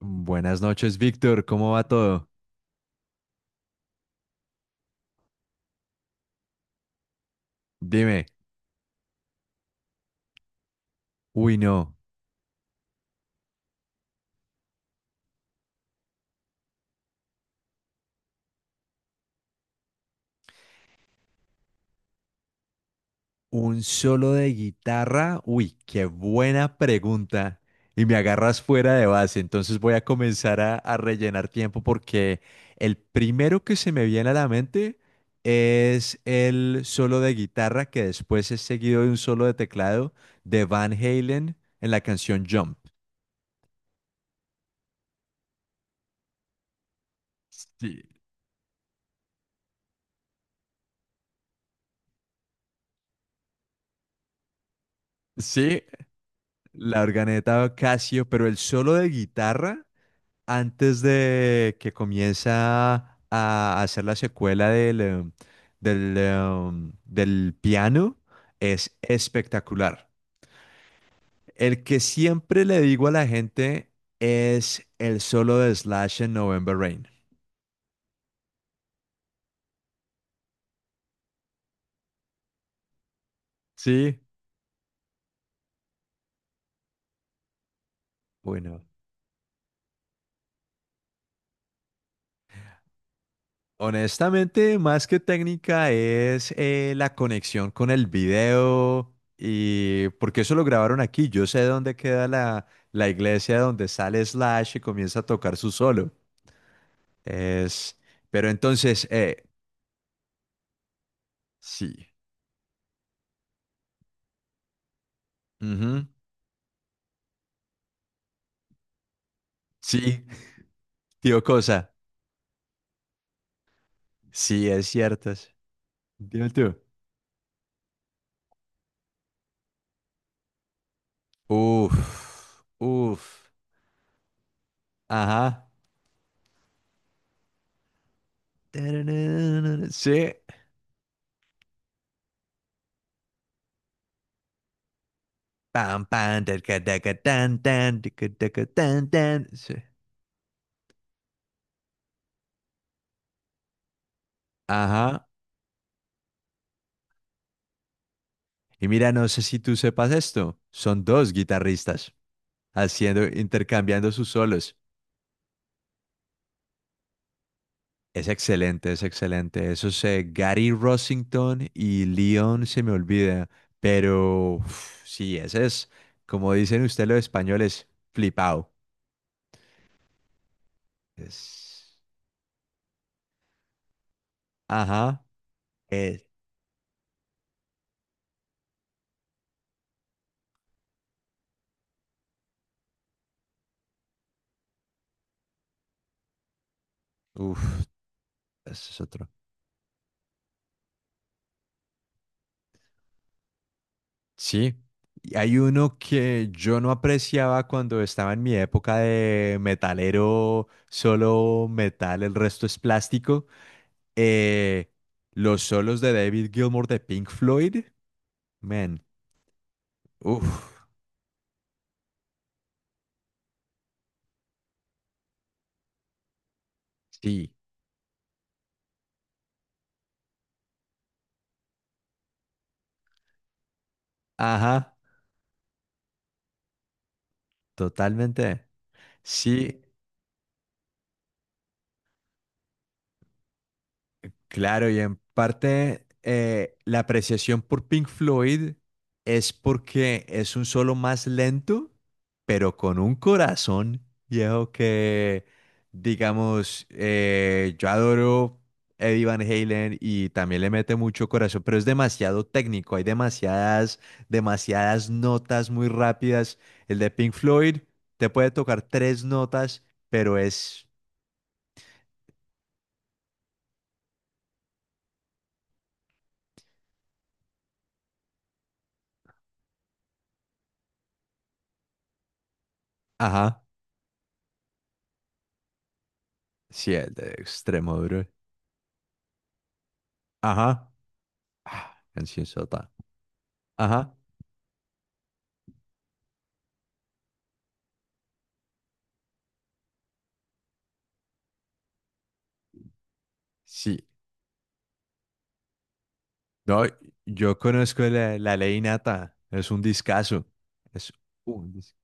Buenas noches, Víctor. ¿Cómo va todo? Dime. Uy, no. ¿Un solo de guitarra? Uy, qué buena pregunta. Y me agarras fuera de base. Entonces voy a comenzar a rellenar tiempo porque el primero que se me viene a la mente es el solo de guitarra que después es seguido de un solo de teclado de Van Halen en la canción Jump. Sí, sí, la organeta Casio, pero el solo de guitarra antes de que comienza a hacer la secuela del piano es espectacular. El que siempre le digo a la gente es el solo de Slash en November Rain. Sí, bueno. Honestamente, más que técnica es la conexión con el video, y porque eso lo grabaron aquí. Yo sé dónde queda la iglesia donde sale Slash y comienza a tocar su solo. Es, pero entonces, sí. Ujú, sí, tío Cosa. Sí, es cierto. Dime tú. Uf, uf. Ajá. Tararara, sí. Pam, pam, taca, taca, tan, tan, tica, taca, tan, tan. Sí. Ajá. Y mira, no sé si tú sepas esto. Son dos guitarristas intercambiando sus solos. Es excelente, es excelente. Esos Gary Rossington y Leon se me olvida, pero uf, sí, ese es, como dicen ustedes los españoles, flipado. Es, ajá, eh, uf, ese es otro. Sí, y hay uno que yo no apreciaba cuando estaba en mi época de metalero. Solo metal, el resto es plástico. eh, los solos de David Gilmour de Pink Floyd, man. Uf. Sí, ajá, totalmente. Mm. Sí, claro, y en parte la apreciación por Pink Floyd es porque es un solo más lento, pero con un corazón viejo que, digamos, yo adoro Eddie Van Halen y también le mete mucho corazón, pero es demasiado técnico. Hay demasiadas notas muy rápidas. El de Pink Floyd te puede tocar tres notas, pero ajá, sí, el de extremo duro, ajá. Ah, canción sota. Ajá, sí. No, yo conozco la ley innata. Es un discazo. Es un dis-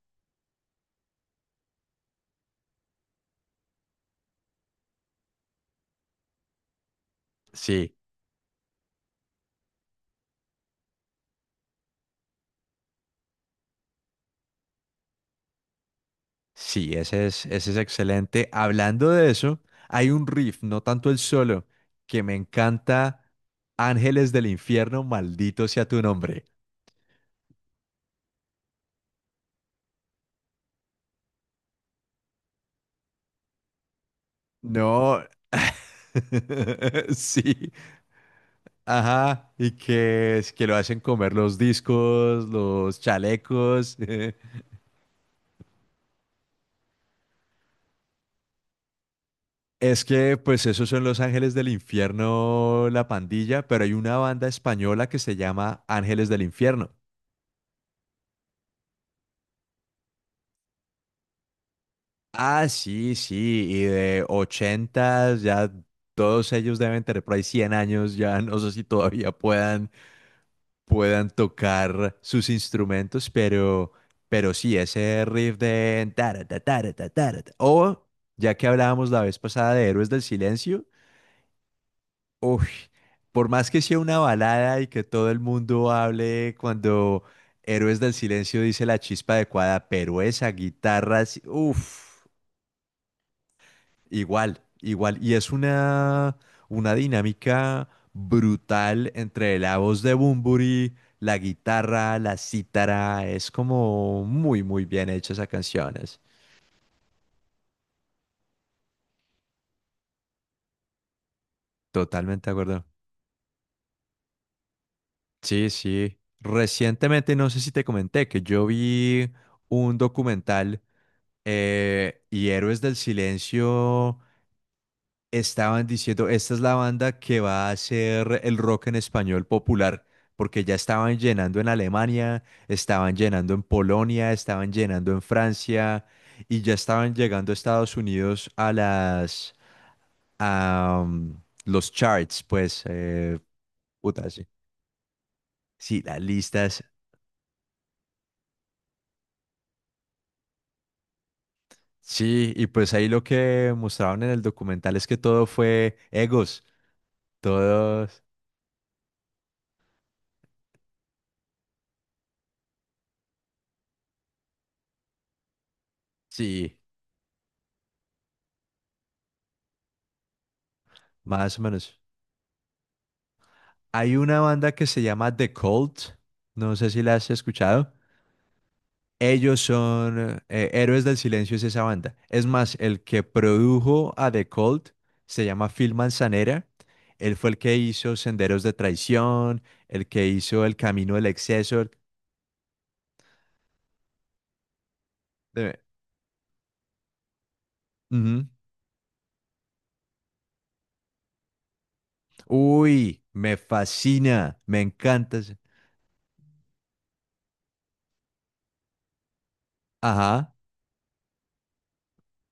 Sí, sí, ese es excelente. Hablando de eso, hay un riff, no tanto el solo, que me encanta. Ángeles del Infierno, maldito sea tu nombre. No. Sí, ajá, es que lo hacen comer los discos, los chalecos. Es que, pues, esos son los Ángeles del Infierno, la pandilla, pero hay una banda española que se llama Ángeles del Infierno. Ah, sí, sí, y de ochentas. Ya todos ellos deben tener por ahí 100 años. Ya no sé si todavía puedan tocar sus instrumentos, pero sí, ese riff de tarata, tarata, tarata. O, ya que hablábamos la vez pasada de Héroes del Silencio, uy, por más que sea una balada y que todo el mundo hable cuando Héroes del Silencio dice la chispa adecuada, pero esa guitarra, uff, igual, igual. Y es una dinámica brutal entre la voz de Bunbury, la guitarra, la cítara. Es como muy, muy bien hecha esas canciones. Totalmente de acuerdo. Sí, sí. Recientemente, no sé si te comenté que yo vi un documental, y Héroes del Silencio estaban diciendo, esta es la banda que va a hacer el rock en español popular, porque ya estaban llenando en Alemania, estaban llenando en Polonia, estaban llenando en Francia y ya estaban llegando a Estados Unidos, a las a mm, los charts, pues puta, sí. Sí, las listas. Sí, y pues ahí lo que mostraron en el documental es que todo fue egos, todos. Sí. Más o menos. Hay una banda que se llama The Cult. No sé si la has escuchado. Ellos son Héroes del Silencio, es esa banda. Es más, el que produjo a The Cult se llama Phil Manzanera. Él fue el que hizo Senderos de Traición, el que hizo El Camino del Exceso. De- Ujú. Uy, me fascina, me encanta. Ajá,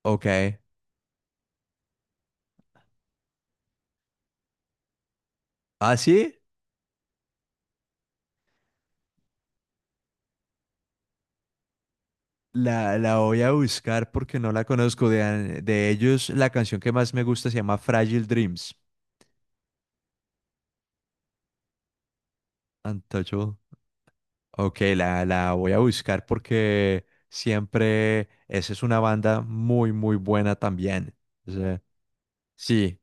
ok. ¿Ah, sí? La voy a buscar porque no la conozco. De ellos, la canción que más me gusta se llama Fragile Dreams. Untouchable. Ok, la voy a buscar porque siempre esa es una banda muy, muy buena también. O sea, sí,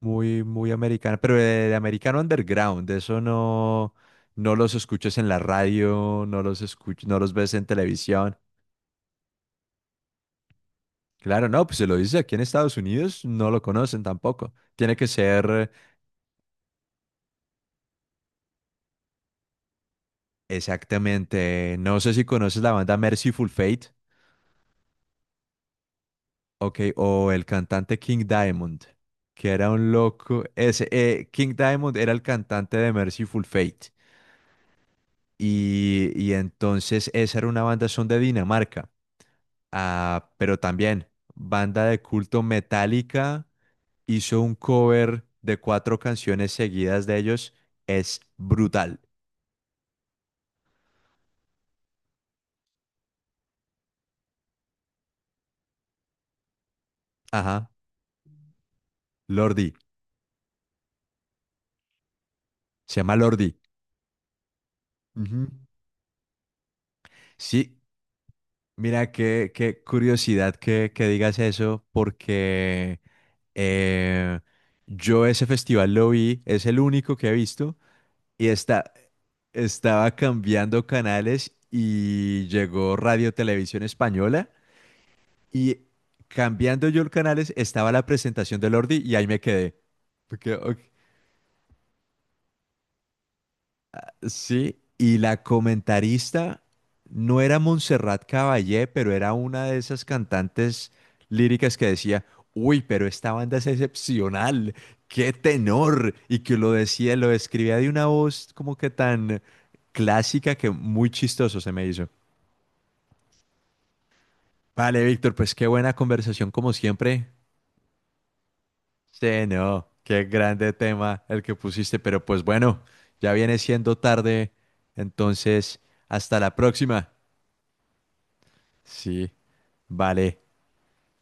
muy, muy americana, pero de americano underground. De Eso no, no los escuchas en la radio, no los ves en televisión. Claro, no, pues se lo dice aquí en Estados Unidos, no lo conocen tampoco. Tiene que ser. Exactamente. No sé si conoces la banda Merciful Fate, ok, o el cantante King Diamond, que era un loco. King Diamond era el cantante de Merciful Fate. Y entonces esa era una banda, son de Dinamarca. Ah, pero también, banda de culto, Metallica hizo un cover de cuatro canciones seguidas de ellos. Es brutal. Ajá, Lordi. Se llama Lordi. Ujú. Sí, mira, qué curiosidad que digas eso, porque eh, yo ese festival lo vi, es el único que he visto, y estaba cambiando canales y llegó Radio Televisión Española, y cambiando yo los canales estaba la presentación de Lordi y ahí me quedé. Sí, y la comentarista no era Montserrat Caballé, pero era una de esas cantantes líricas que decía, uy, pero esta banda es excepcional, qué tenor, y que lo describía de una voz como que tan clásica que muy chistoso se me hizo. Vale, Víctor, pues qué buena conversación como siempre. Sí, no, qué grande tema el que pusiste, pero pues bueno, ya viene siendo tarde, entonces hasta la próxima. Sí, vale.